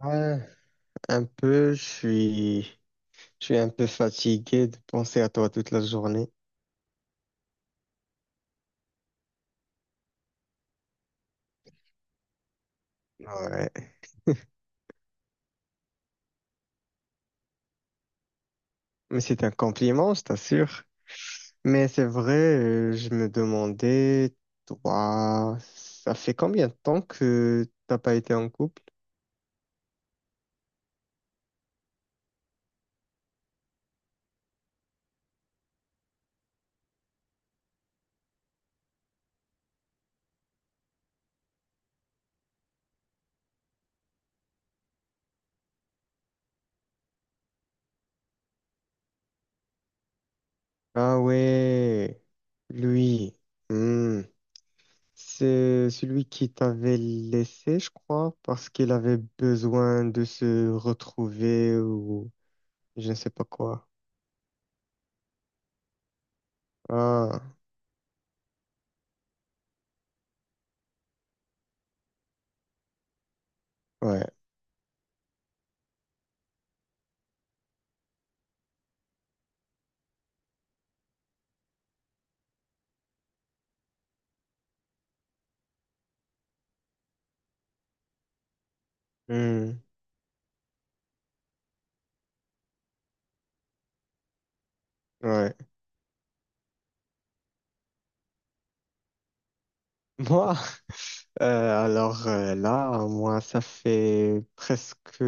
Ouais, un peu, je suis un peu fatigué de penser à toi toute la journée. Ouais. Mais c'est un compliment, je t'assure. Mais c'est vrai, je me demandais, toi, ça fait combien de temps que t'as pas été en couple? Ah ouais, lui, hmm, c'est celui qui t'avait laissé, je crois, parce qu'il avait besoin de se retrouver ou je ne sais pas quoi. Ah. Ouais. Hmm, ouais. Moi, là, moi, ça fait presque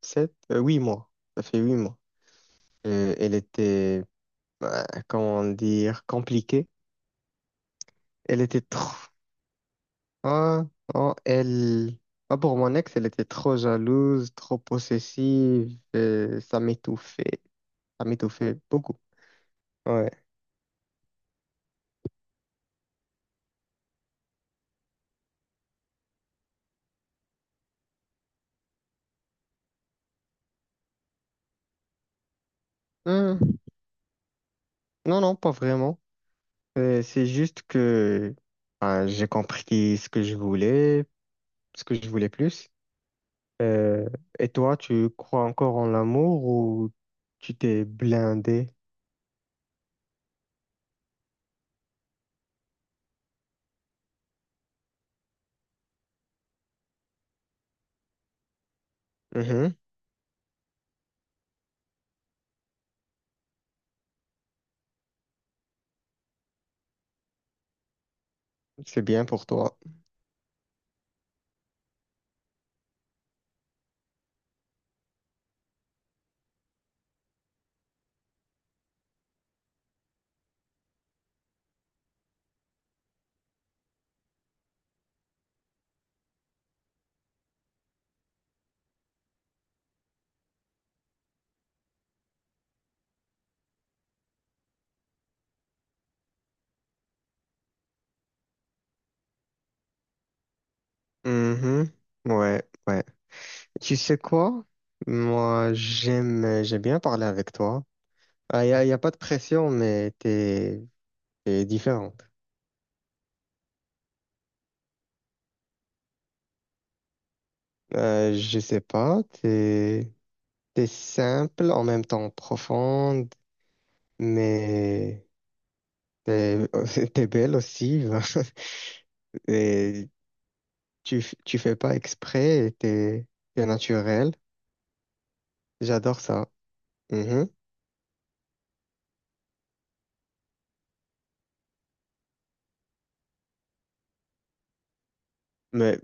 sept, huit mois. Ça fait huit mois. Elle était, comment dire, compliquée. Elle était trop, hein, hein, elle, pour mon ex, elle était trop jalouse, trop possessive. Ça m'étouffait. Ça m'étouffait beaucoup. Ouais. Hmm, non, non, pas vraiment. C'est juste que, j'ai compris ce que je voulais. Ce que je voulais plus. Euh, et toi, tu crois encore en l'amour ou tu t'es blindé? Mhm. C'est bien pour toi. Mhm, ouais, ouais. Tu sais quoi? Moi, j'aime bien parler avec toi. Y a pas de pression, mais t'es différente. Je sais pas, t'es simple, en même temps profonde, mais t'es, t'es belle aussi. Et tu, tu fais pas exprès et t'es naturel. J'adore ça. Mhm. Mais,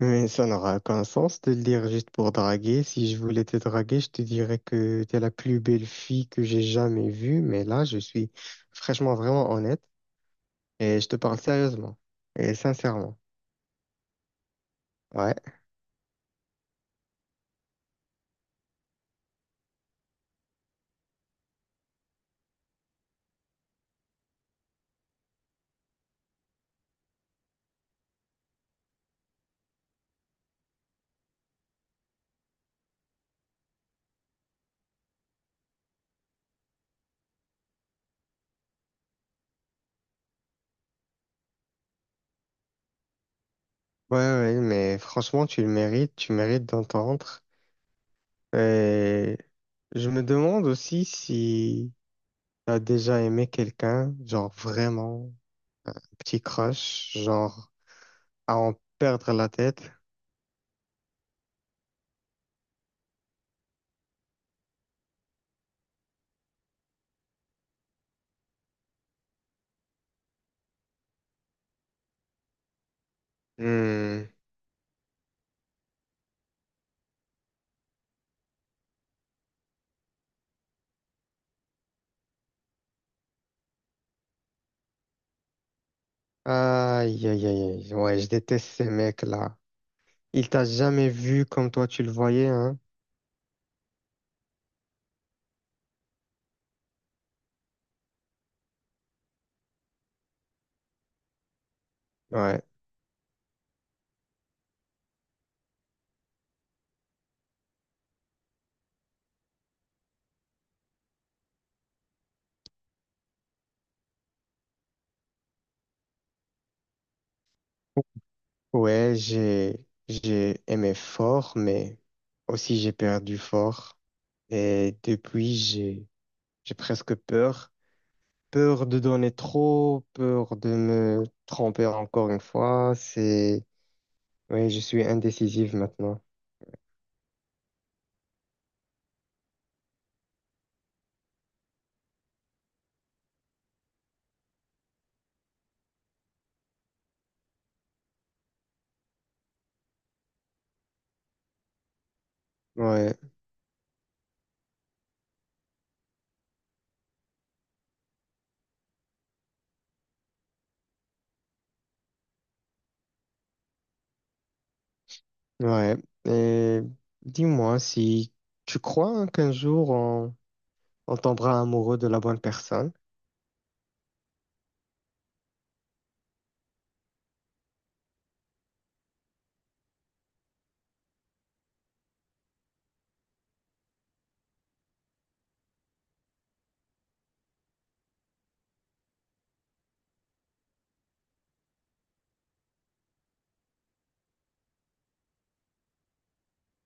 mais ça n'aura aucun sens de le dire juste pour draguer. Si je voulais te draguer, je te dirais que t'es la plus belle fille que j'ai jamais vue. Mais là, je suis franchement vraiment honnête et je te parle sérieusement et sincèrement. Ouais, ouais, ouais, mais franchement, tu le mérites, tu mérites d'entendre. Et je me demande aussi si t'as déjà aimé quelqu'un, genre vraiment. Euh, Petit crash, genre à en perdre la tête. Hmm. Aïe, aïe, aïe, aïe. Ouais, je déteste ces mecs-là. Il t'a jamais vu comme toi tu le voyais, hein? Ouais. Ouais, j'ai aimé fort, mais aussi j'ai perdu fort. Et depuis, j'ai presque peur. Peur de donner trop, peur de me tromper encore une fois. C'est, ouais, je suis indécisive maintenant. Ouais. Ouais. Et dis-moi si tu crois hein, on tombera amoureux de la bonne personne.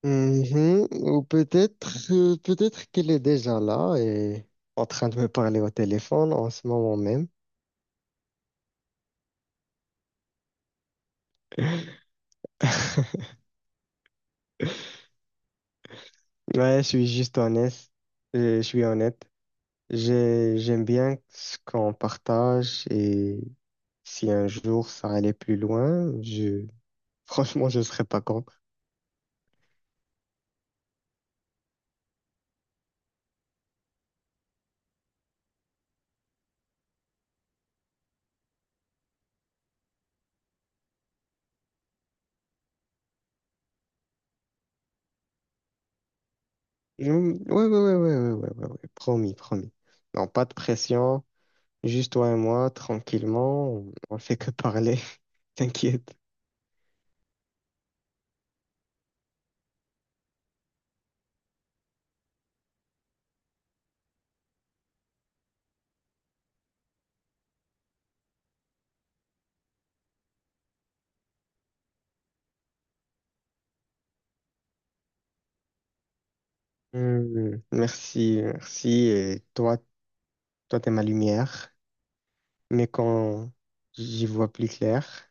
Mhm. Ou peut-être peut-être qu'elle est déjà là et en train de me parler au téléphone en ce moment même. Ouais, je suis juste honnête. Je suis honnête. J'aime bien ce qu'on partage et si un jour ça allait plus loin, je franchement je serais pas content. Ouais, ouais, ouais, ouais, ouais, ouais, ouais, ouais. Promis, promis. Non, pas de pression. Juste toi et moi, tranquillement. On fait que parler. T'inquiète. Hmm, merci, merci. Et toi, toi, t'es ma lumière. Mais quand j'y vois plus clair.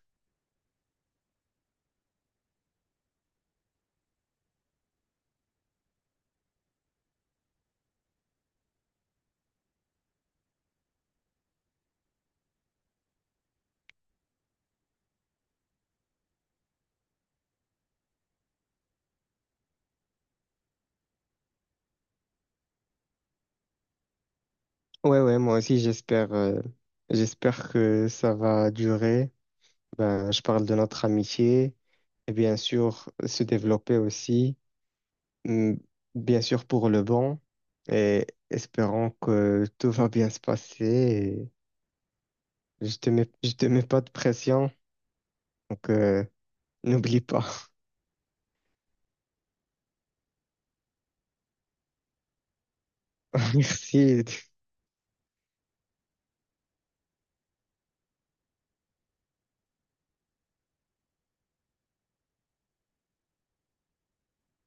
Ouais, ouais, moi aussi, j'espère, j'espère que ça va durer. Ben, je parle de notre amitié et bien sûr se développer aussi. Mm, bien sûr pour le bon et espérons que tout va bien se passer. Et je te mets pas de pression, donc n'oublie pas. Merci.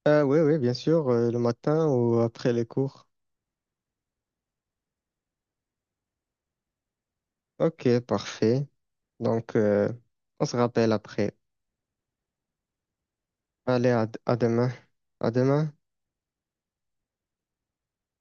Ah oui, oui, bien sûr, le matin ou après les cours. Ok, parfait. Donc, on se rappelle après. Allez, à demain. À demain.